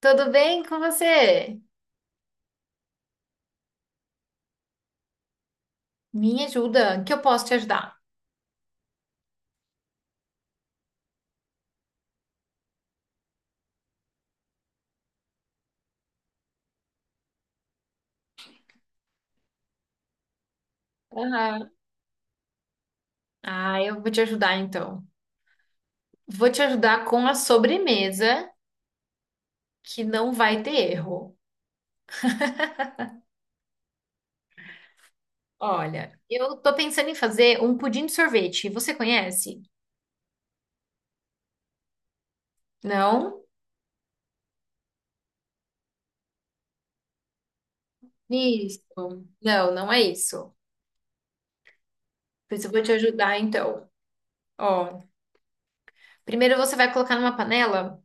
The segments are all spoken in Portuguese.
Tudo bem com você? Me ajuda, que eu posso te ajudar. Aham. Ah, eu vou te ajudar então. Vou te ajudar com a sobremesa que não vai ter erro. Olha, eu tô pensando em fazer um pudim de sorvete. Você conhece? Não? Isso. Não, não é isso. Pois eu vou te ajudar então. Ó, primeiro você vai colocar numa panela.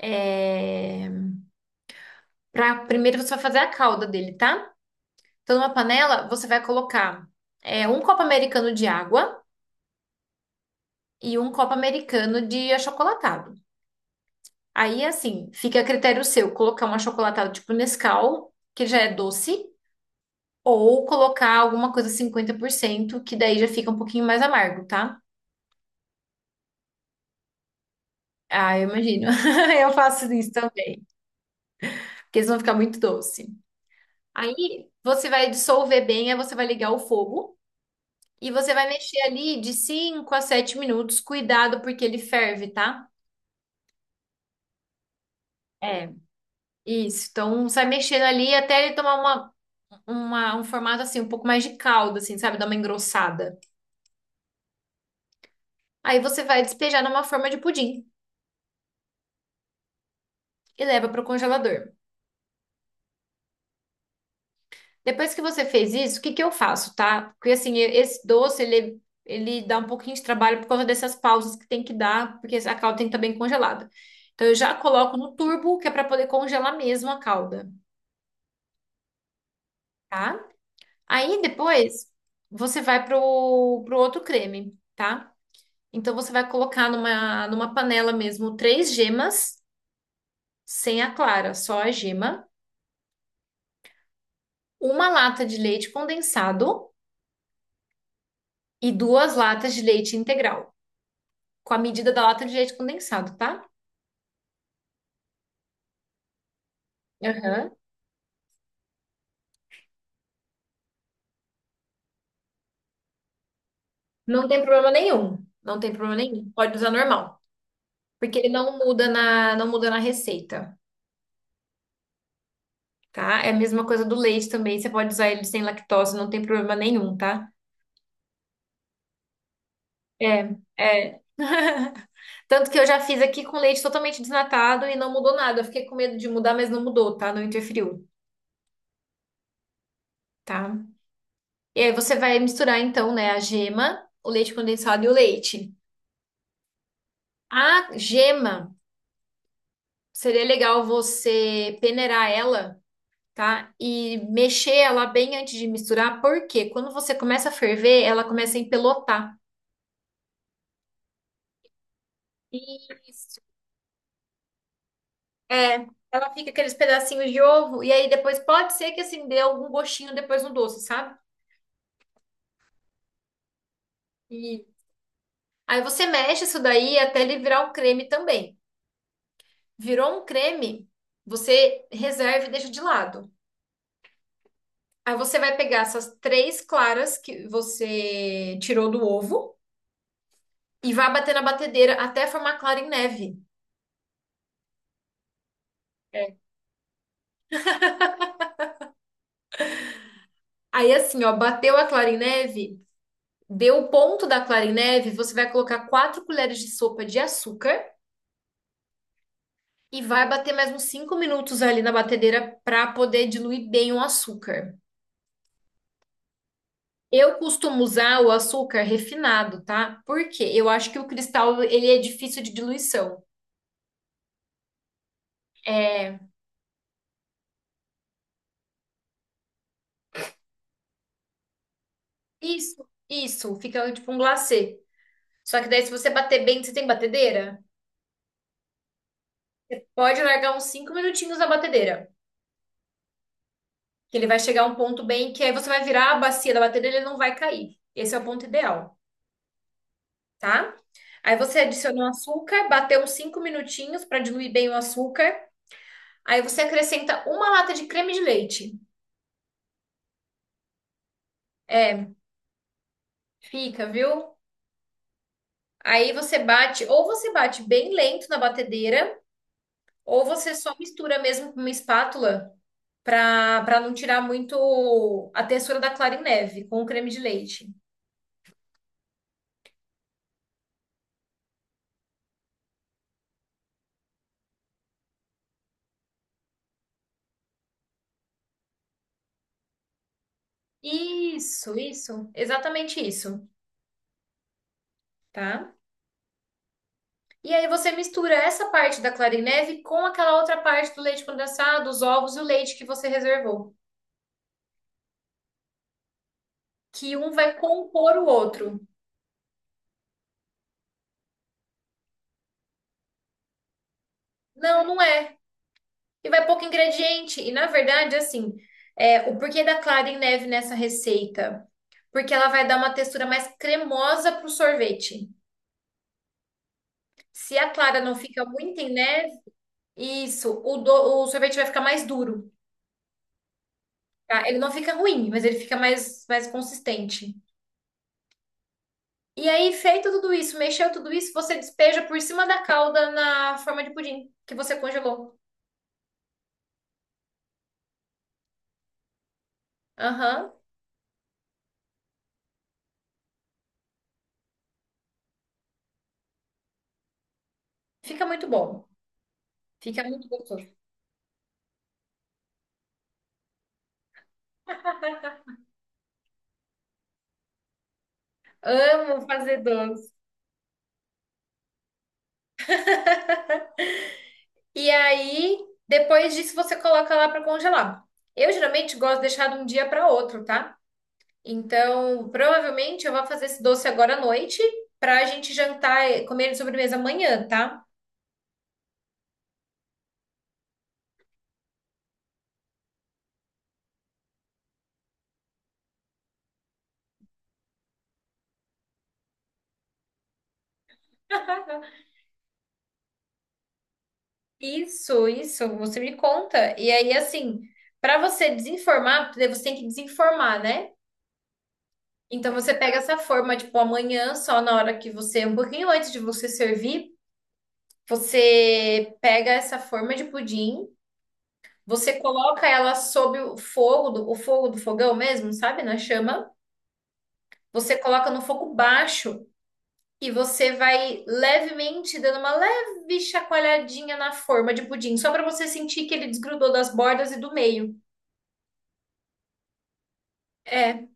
É... Primeiro você vai fazer a calda dele, tá? Então, numa panela, você vai colocar um copo americano de água. E um copo americano de achocolatado. Aí, assim, fica a critério seu colocar um achocolatado tipo Nescau, que já é doce, ou colocar alguma coisa 50% que daí já fica um pouquinho mais amargo, tá? Ah, eu imagino. Eu faço isso também, porque eles vão ficar muito doce. Aí, você vai dissolver bem, aí você vai ligar o fogo e você vai mexer ali de 5 a 7 minutos. Cuidado, porque ele ferve, tá? É, isso. Então, sai mexendo ali até ele tomar uma um formato assim, um pouco mais de calda, assim, sabe? Dá uma engrossada. Aí você vai despejar numa forma de pudim e leva para o congelador. Depois que você fez isso, o que que eu faço, tá? Porque assim, esse doce, ele dá um pouquinho de trabalho por causa dessas pausas que tem que dar, porque a calda tem que estar bem congelada. Então eu já coloco no turbo, que é para poder congelar mesmo a calda, tá? Aí depois você vai pro outro creme, tá? Então você vai colocar numa panela mesmo três gemas sem a clara, só a gema, uma lata de leite condensado e duas latas de leite integral, com a medida da lata de leite condensado, tá? Aham. Não tem problema nenhum. Não tem problema nenhum. Pode usar normal, porque ele não muda na receita, tá? É a mesma coisa do leite também, você pode usar ele sem lactose, não tem problema nenhum, tá? É, é. Tanto que eu já fiz aqui com leite totalmente desnatado e não mudou nada. Eu fiquei com medo de mudar, mas não mudou, tá? Não interferiu, tá? E aí você vai misturar então, né, a gema, o leite condensado e o leite. A gema seria legal você peneirar ela, tá? E mexer ela bem antes de misturar, porque quando você começa a ferver, ela começa a empelotar. Isso. É, ela fica aqueles pedacinhos de ovo e aí depois pode ser que assim dê algum gostinho depois no doce, sabe? E aí você mexe isso daí até ele virar um creme também. Virou um creme, você reserva e deixa de lado. Aí você vai pegar essas três claras que você tirou do ovo e vai bater na batedeira até formar clara em neve. É. Aí assim, ó, bateu a clara em neve, deu o ponto da clara em neve, você vai colocar 4 colheres de sopa de açúcar e vai bater mais uns 5 minutos ali na batedeira para poder diluir bem o açúcar. Eu costumo usar o açúcar refinado, tá? Porque eu acho que o cristal ele é difícil de diluição. É, isso, fica tipo um glacê. Só que daí, se você bater bem, você tem batedeira? Pode largar uns 5 minutinhos na batedeira. Que ele vai chegar a um ponto bem que aí você vai virar a bacia da batedeira e ele não vai cair. Esse é o ponto ideal, tá? Aí você adiciona o açúcar, bateu uns 5 minutinhos para diluir bem o açúcar. Aí você acrescenta uma lata de creme de leite. É, fica, viu? Aí você bate, ou você bate bem lento na batedeira, ou você só mistura mesmo com uma espátula para não tirar muito a textura da clara em neve com o creme de leite. Isso, exatamente isso, tá? E aí você mistura essa parte da clara em neve com aquela outra parte do leite condensado, os ovos e o leite que você reservou, que um vai compor o outro. Não, não é. E vai pouco ingrediente. E na verdade, assim, o porquê da clara em neve nessa receita? Porque ela vai dar uma textura mais cremosa pro sorvete. Se a clara não fica muito em neve. Isso, o sorvete vai ficar mais duro, tá? Ele não fica ruim, mas ele fica mais consistente. E aí, feito tudo isso, mexeu tudo isso, você despeja por cima da calda na forma de pudim que você congelou. Aham. Fica muito bom. Fica muito gostoso. Amo fazer doce. E aí, depois disso, você coloca lá para congelar. Eu geralmente gosto de deixar de um dia para outro, tá? Então, provavelmente eu vou fazer esse doce agora à noite para a gente jantar, e comer ele de sobremesa amanhã, tá? Isso, você me conta. E aí, assim, para você desinformar, porque você tem que desinformar, né? Então você pega essa forma, tipo, amanhã, só na hora que você, um pouquinho antes de você servir, você pega essa forma de pudim, você coloca ela sob o fogo do fogão mesmo, sabe? Na chama. Você coloca no fogo baixo. E você vai levemente dando uma leve chacoalhadinha na forma de pudim, só para você sentir que ele desgrudou das bordas e do meio. É.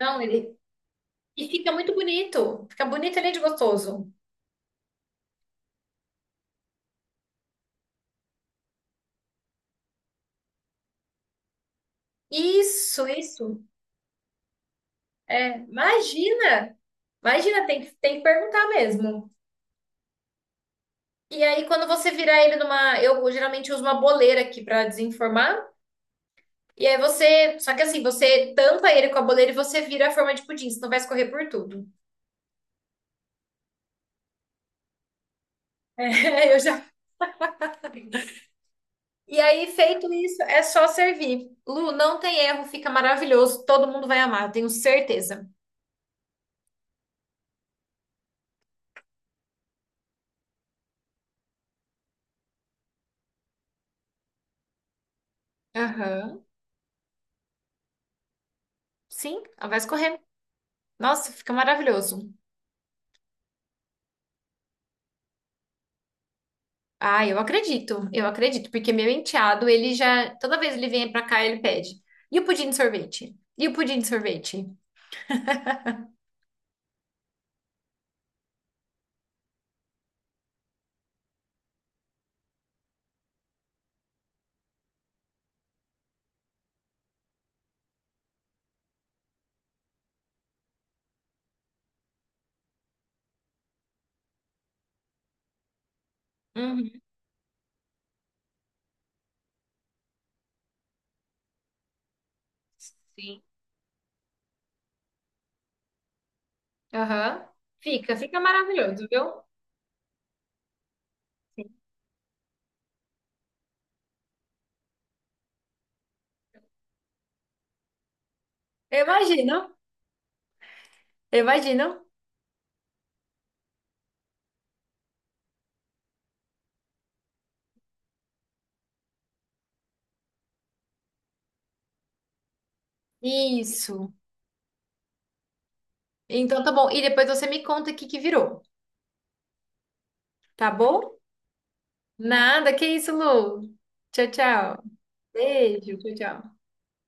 Não, ele. E fica muito bonito. Fica bonito além de gostoso. Isso, isso. É, imagina! Imagina, tem que perguntar mesmo. E aí, quando você virar ele numa. Eu geralmente uso uma boleira aqui para desenformar. E aí você. Só que assim, você tampa ele com a boleira e você vira a forma de pudim, senão vai escorrer por tudo. É, eu já. E aí, feito isso, é só servir. Lu, não tem erro, fica maravilhoso. Todo mundo vai amar, tenho certeza. Aham. Sim, ela vai escorrer. Nossa, fica maravilhoso. Ah, eu acredito, porque meu enteado, ele já, toda vez ele vem pra cá, ele pede. E o pudim de sorvete? E o pudim de sorvete? Uhum. Sim. Aham. Fica maravilhoso, viu? Sim. Eu imagino, eu imagino. Isso. Então tá bom. E depois você me conta o que que virou, tá bom? Nada, que isso, Lu. Tchau, tchau. Beijo, tchau, tchau.